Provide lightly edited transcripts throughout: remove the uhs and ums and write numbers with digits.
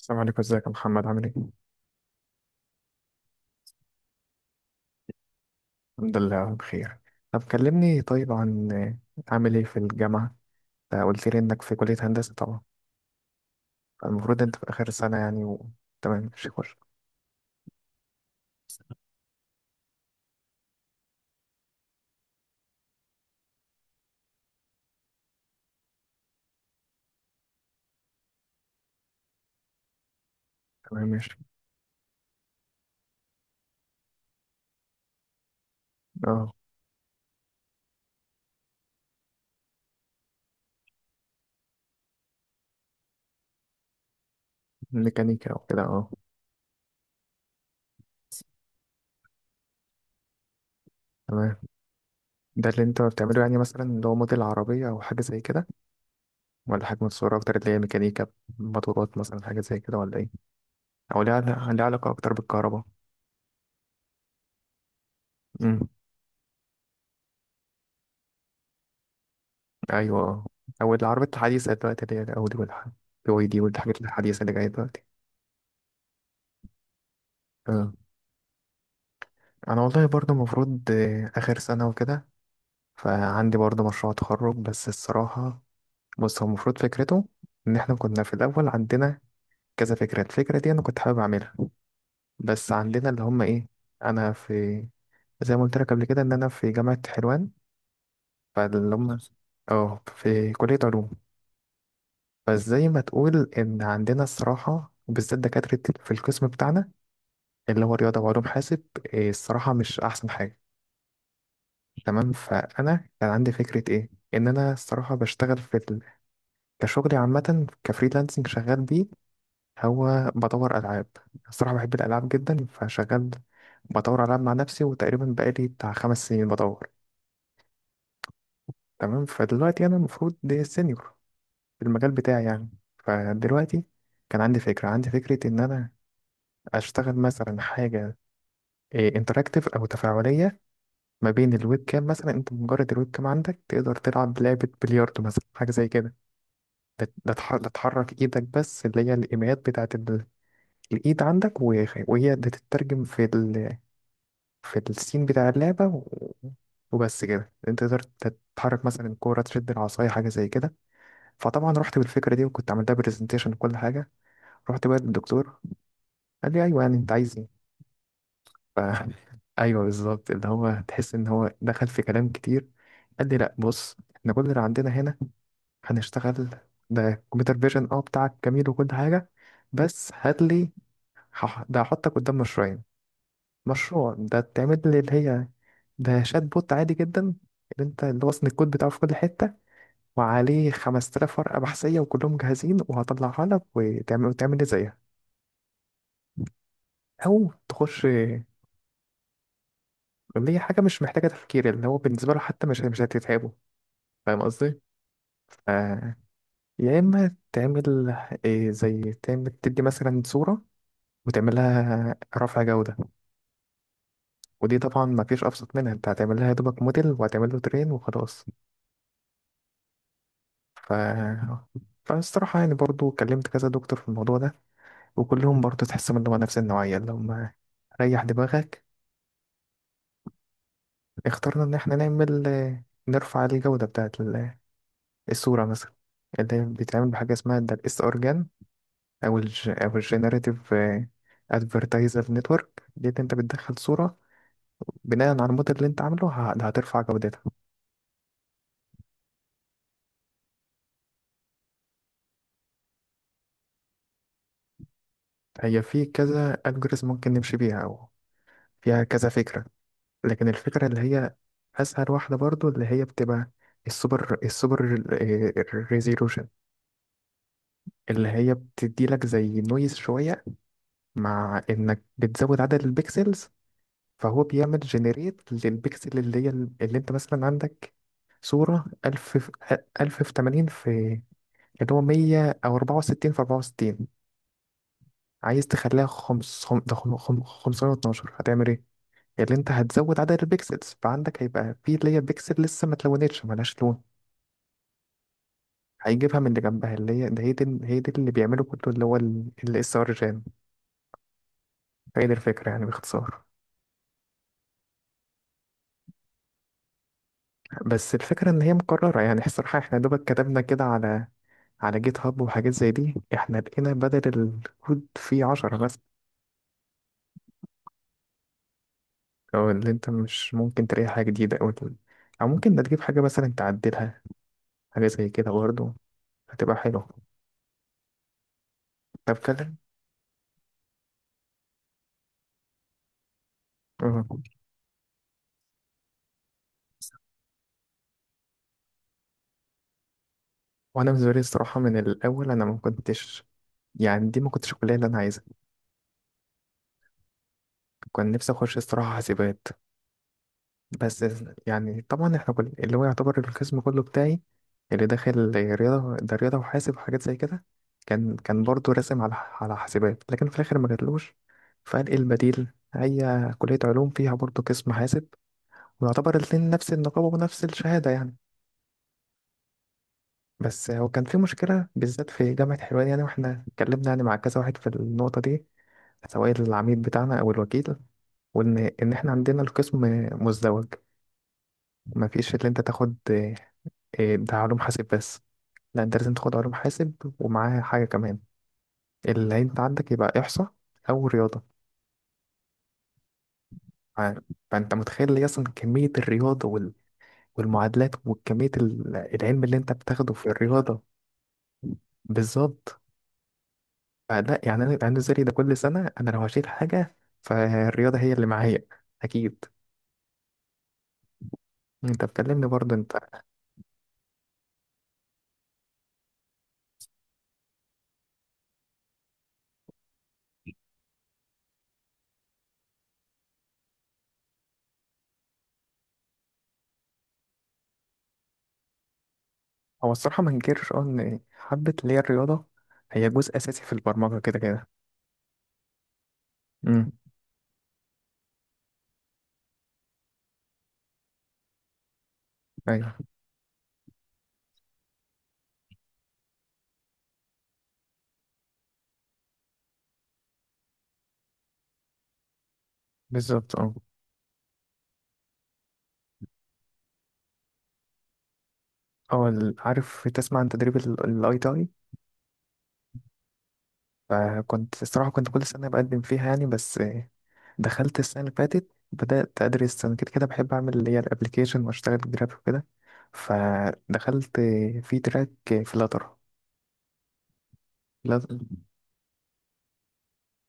السلام عليكم، ازيك يا محمد؟ عامل ايه؟ الحمد لله بخير. طب كلمني طيب عن عامل ايه في الجامعة؟ انت قلت لي انك في كلية هندسة طبعا، فالمفروض انت في آخر سنة يعني و... تمام ماشي خش. تمام ماشي. اه ميكانيكا وكده اه. تمام. ده اللي انت بتعمله يعني؟ مثلا اللي هو موديل عربية او حاجة زي كده؟ ولا حاجة متصورة اكتر اللي هي ميكانيكا، موتورات مثلا، حاجة زي كده ولا ايه؟ او ليها ليها علاقة اكتر بالكهرباء؟ امم. ايوه اه. او العربيات الحديثة دلوقتي اللي هي الاودي والحاجات، بي واي دي والحاجات الحديثة اللي جاية دلوقتي. آه. انا والله برضه المفروض اخر سنه وكده، فعندي برضه مشروع تخرج بس الصراحه. بص، هو المفروض فكرته ان احنا كنا في الاول عندنا كذا فكره، الفكره دي انا كنت حابب اعملها، بس عندنا اللي هم ايه. انا في، زي ما قلت لك قبل كده، ان انا في جامعه حلوان، فاللي هم اه، في كليه علوم. فازاي ما تقول ان عندنا الصراحه وبالذات دكاتره في القسم بتاعنا اللي هو رياضه وعلوم حاسب، الصراحه مش احسن حاجه. تمام. فانا كان عندي فكره ايه، ان انا الصراحه بشتغل في ال... كشغلي عامه كفريلانسنج شغال بيه، هو بدور العاب. الصراحه بحب الالعاب جدا، فشغال بدور العاب مع نفسي، وتقريبا بقالي بتاع خمس سنين بدور. تمام. فدلوقتي انا المفروض دي سينيور في المجال بتاعي يعني. فدلوقتي كان عندي فكره ان انا اشتغل مثلا حاجه انتراكتيف او تفاعليه، ما بين الويب كام، مثلا انت مجرد الويب كام عندك تقدر تلعب لعبه بلياردو، مثلا حاجه زي كده. ده تحرك ايدك بس، اللي هي الايميات بتاعت ال- الايد عندك، وهي بتترجم في ال... في السين بتاع اللعبة و... وبس كده انت تقدر تتحرك مثلا الكورة، تشد العصاية، حاجة زي كده. فطبعا رحت بالفكرة دي وكنت عملتها برزنتيشن وكل حاجة، رحت بقى للدكتور، قال لي ايوه يعني انت عايز ايه. ف... ايوه بالظبط، اللي هو تحس ان هو دخل في كلام كتير. قال لي لا بص، احنا كل اللي عندنا هنا هنشتغل ده كمبيوتر فيجن، اه بتاعك جميل وكل حاجة، بس هات لي، ده هحطك قدام مشروعين. مشروع ده تعمل لي اللي هي ده شات بوت عادي جدا، اللي انت اللي وصل الكود بتاعه في كل حتة وعليه 5000 ورقة بحثية وكلهم جاهزين وهطلعها لك وتعمل، وتعمل لي زيها، أو تخش. اللي هي حاجة مش محتاجة تفكير، اللي هو بالنسبة له حتى مش هتتعبه. فاهم قصدي؟ ف- يا إما تعمل إيه، زي تعمل تدي مثلا صورة وتعمل لها رفع جودة، ودي طبعا ما فيش أبسط منها، انت هتعمل لها يا دوبك موديل وهتعمل له ترين وخلاص. ف فالصراحة يعني برضو كلمت كذا دكتور في الموضوع ده، وكلهم برضو تحسهم اللي هو نفس النوعية اللي هم ريح دماغك. اخترنا إن احنا نعمل، نرفع الجودة بتاعت ال- الصورة مثلا، اللي بيتعمل بحاجة اسمها ده الاس ار جان، أو ال أو الجنريتيف ادفرتايزر نتورك دي، اللي انت بتدخل صورة بناء على الموديل اللي انت عامله، هترفع جودتها. هي في كذا الجوريزم ممكن نمشي بيها، او فيها كذا فكرة، لكن الفكرة اللي هي اسهل واحدة برضو اللي هي بتبقى السوبر السوبر ريزولوشن، اللي هي بتدي لك زي نويز شوية، مع انك بتزود عدد البكسلز. فهو بيعمل جنريت للبكسل اللي هي، اللي انت مثلا عندك صورة 1000 في 1000 في 80 في اللي هو 100، او 64 في 64 عايز تخليها 5 512، هتعمل إيه؟ اللي انت هتزود عدد البيكسلز، فعندك هيبقى في اللي هي بيكسل لسه ما اتلونتش ملهاش لون. هيجيبها من اللي جنبها، اللي هي ده هي دي هي دي اللي بيعمله كله اللي هو الاس ار جام. هي دي الفكره يعني باختصار. بس الفكره ان هي مكرره يعني، الصراحه احنا يا دوبك كتبنا كده على على جيت هاب وحاجات زي دي، احنا لقينا بدل الكود فيه عشرة بس. او اللي انت مش ممكن تلاقي حاجة جديدة، او او ممكن ده تجيب حاجة مثلا تعدلها، حاجة زي كده برضه هتبقى حلوة. طب كلم. وانا بالنسبه لي الصراحه من الاول انا ما كنتش، يعني دي ما كنتش الكليه اللي انا عايزها. كان نفسي اخش الصراحه حاسبات، بس يعني طبعا احنا كل اللي هو يعتبر القسم كله بتاعي اللي داخل رياضه، ده رياضه وحاسب وحاجات زي كده. كان كان برضه راسم على على حاسبات، لكن في الاخر ما جاتلوش، فقال ايه البديل، هي كليه علوم فيها برضه قسم حاسب، ويعتبر الاتنين نفس النقابه ونفس الشهاده يعني. بس هو كان في مشكلة بالذات في جامعة حلوان، يعني واحنا اتكلمنا يعني مع كذا واحد في النقطة دي، سواء العميد بتاعنا أو الوكيل، وإن إحنا عندنا القسم مزدوج، مفيش اللي أنت تاخد ده علوم حاسب بس، لا أنت لازم تاخد علوم حاسب ومعاها حاجة كمان، اللي أنت عندك يبقى إحصاء أو رياضة. ف- فأنت متخيل لي أصلا كمية الرياضة والمعادلات وكمية العلم اللي أنت بتاخده في الرياضة. بالظبط. فلا يعني انا يبقى عندي الزري ده كل سنه، انا لو هشيل حاجه فالرياضه هي اللي معايا اكيد. انت بتكلمني برضه انت. هو الصراحه ما انكرش اه ان حبه اللي هي الرياضه هي جزء اساسي في البرمجه كده كده. امم. ايوه بالظبط اه. اه عارف تسمع عن تدريب الاي تي اي؟ فكنت الصراحه كنت كل سنه بقدم فيها يعني، بس دخلت السنه اللي فاتت بدات ادرس انا كده كده بحب اعمل اللي هي الابلكيشن واشتغل جرافيك وكده، فدخلت في تراك فلاتر.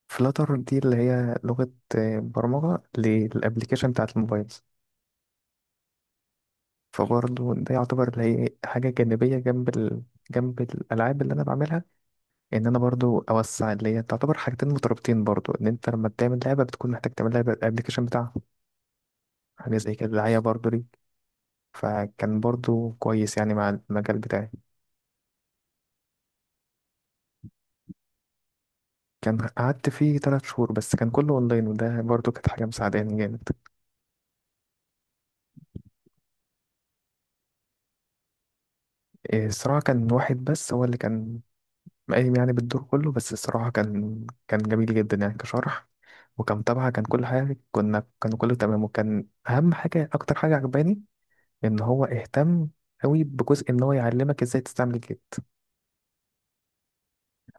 فلاتر دي اللي هي لغة برمجة للأبليكيشن بتاعت الموبايل. فبرضه ده يعتبر اللي هي حاجة جانبية جنب ال... جنب الألعاب اللي أنا بعملها، إن أنا برضه أوسع، اللي هي تعتبر حاجتين مترابطين برضه، إن أنت لما بتعمل لعبة بتكون محتاج تعمل لعبة الأبليكيشن بتاعها، حاجة زي كده دعاية برضه ليك. فكان برضه كويس يعني مع المجال بتاعي. كان قعدت فيه تلات شهور بس، كان كله أونلاين، وده برضه كانت حاجة مساعداني جامد. إيه، الصراحة كان واحد بس هو اللي كان قايم يعني بالدور كله، بس الصراحة كان كان جميل جدا يعني كشرح وكمتابعة، كان كل حاجة كنا كان كله تمام، وكان أهم حاجة أكتر حاجة عجباني إن هو اهتم أوي بجزء إن هو يعلمك إزاي تستعمل جيت.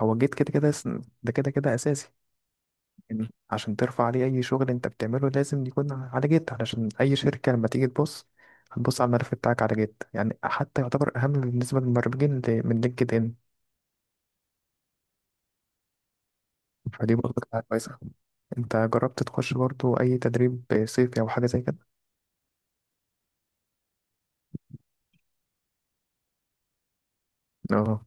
هو جيت كده كده ده كده كده أساسي، إن عشان ترفع عليه أي شغل أنت بتعمله لازم يكون على جيت، علشان أي شركة لما تيجي تبص هتبص على الملف بتاعك على جيت يعني، حتى يعتبر أهم بالنسبة للمبرمجين من لينكد إن. فدي برضه كانت حاجة كويسة. انت جربت تخش برضو اي تدريب صيفي او حاجه زي كده؟ اه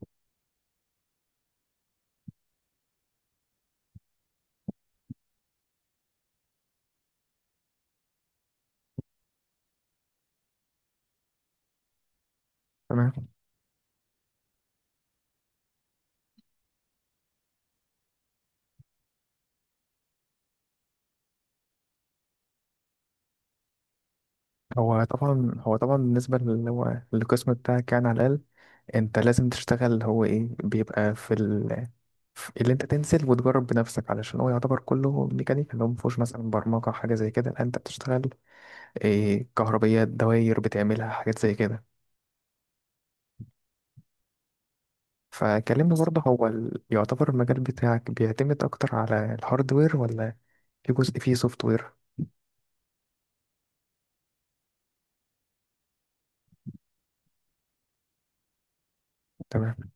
تمام. هو طبعا بالنسبه اللي هو القسم بتاعك يعني، على الاقل انت لازم تشتغل، هو ايه بيبقى في ال... في اللي انت تنزل وتجرب بنفسك، علشان هو يعتبر كله ميكانيكا، اللي هو مفهوش مثلا برمجه حاجه زي كده، لا انت بتشتغل إيه، كهربيات، دواير، بتعملها حاجات زي كده. فكلمني برضه هو ال... يعتبر المجال بتاعك بيعتمد اكتر على الهاردوير، ولا في جزء فيه سوفت وير؟ تمام.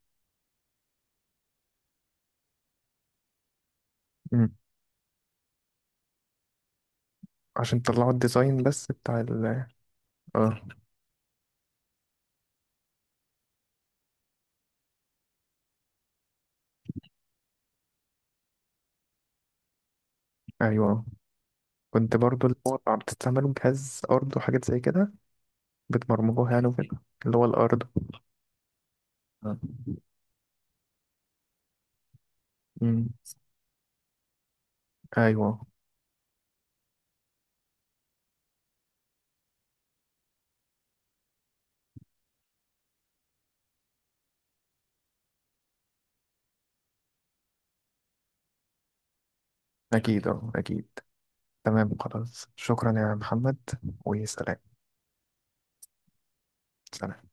عشان طلعوا الديزاين بس بتاع ال اه. ايوه كنت برضو اللي هو بتستعملوا جهاز ارض وحاجات زي كده، بتبرمجوها يعني وكده اللي هو الارض. آه. مم. ايوه. اكيد اه اكيد. تمام خلاص شكرا يا محمد، وسلام. سلام.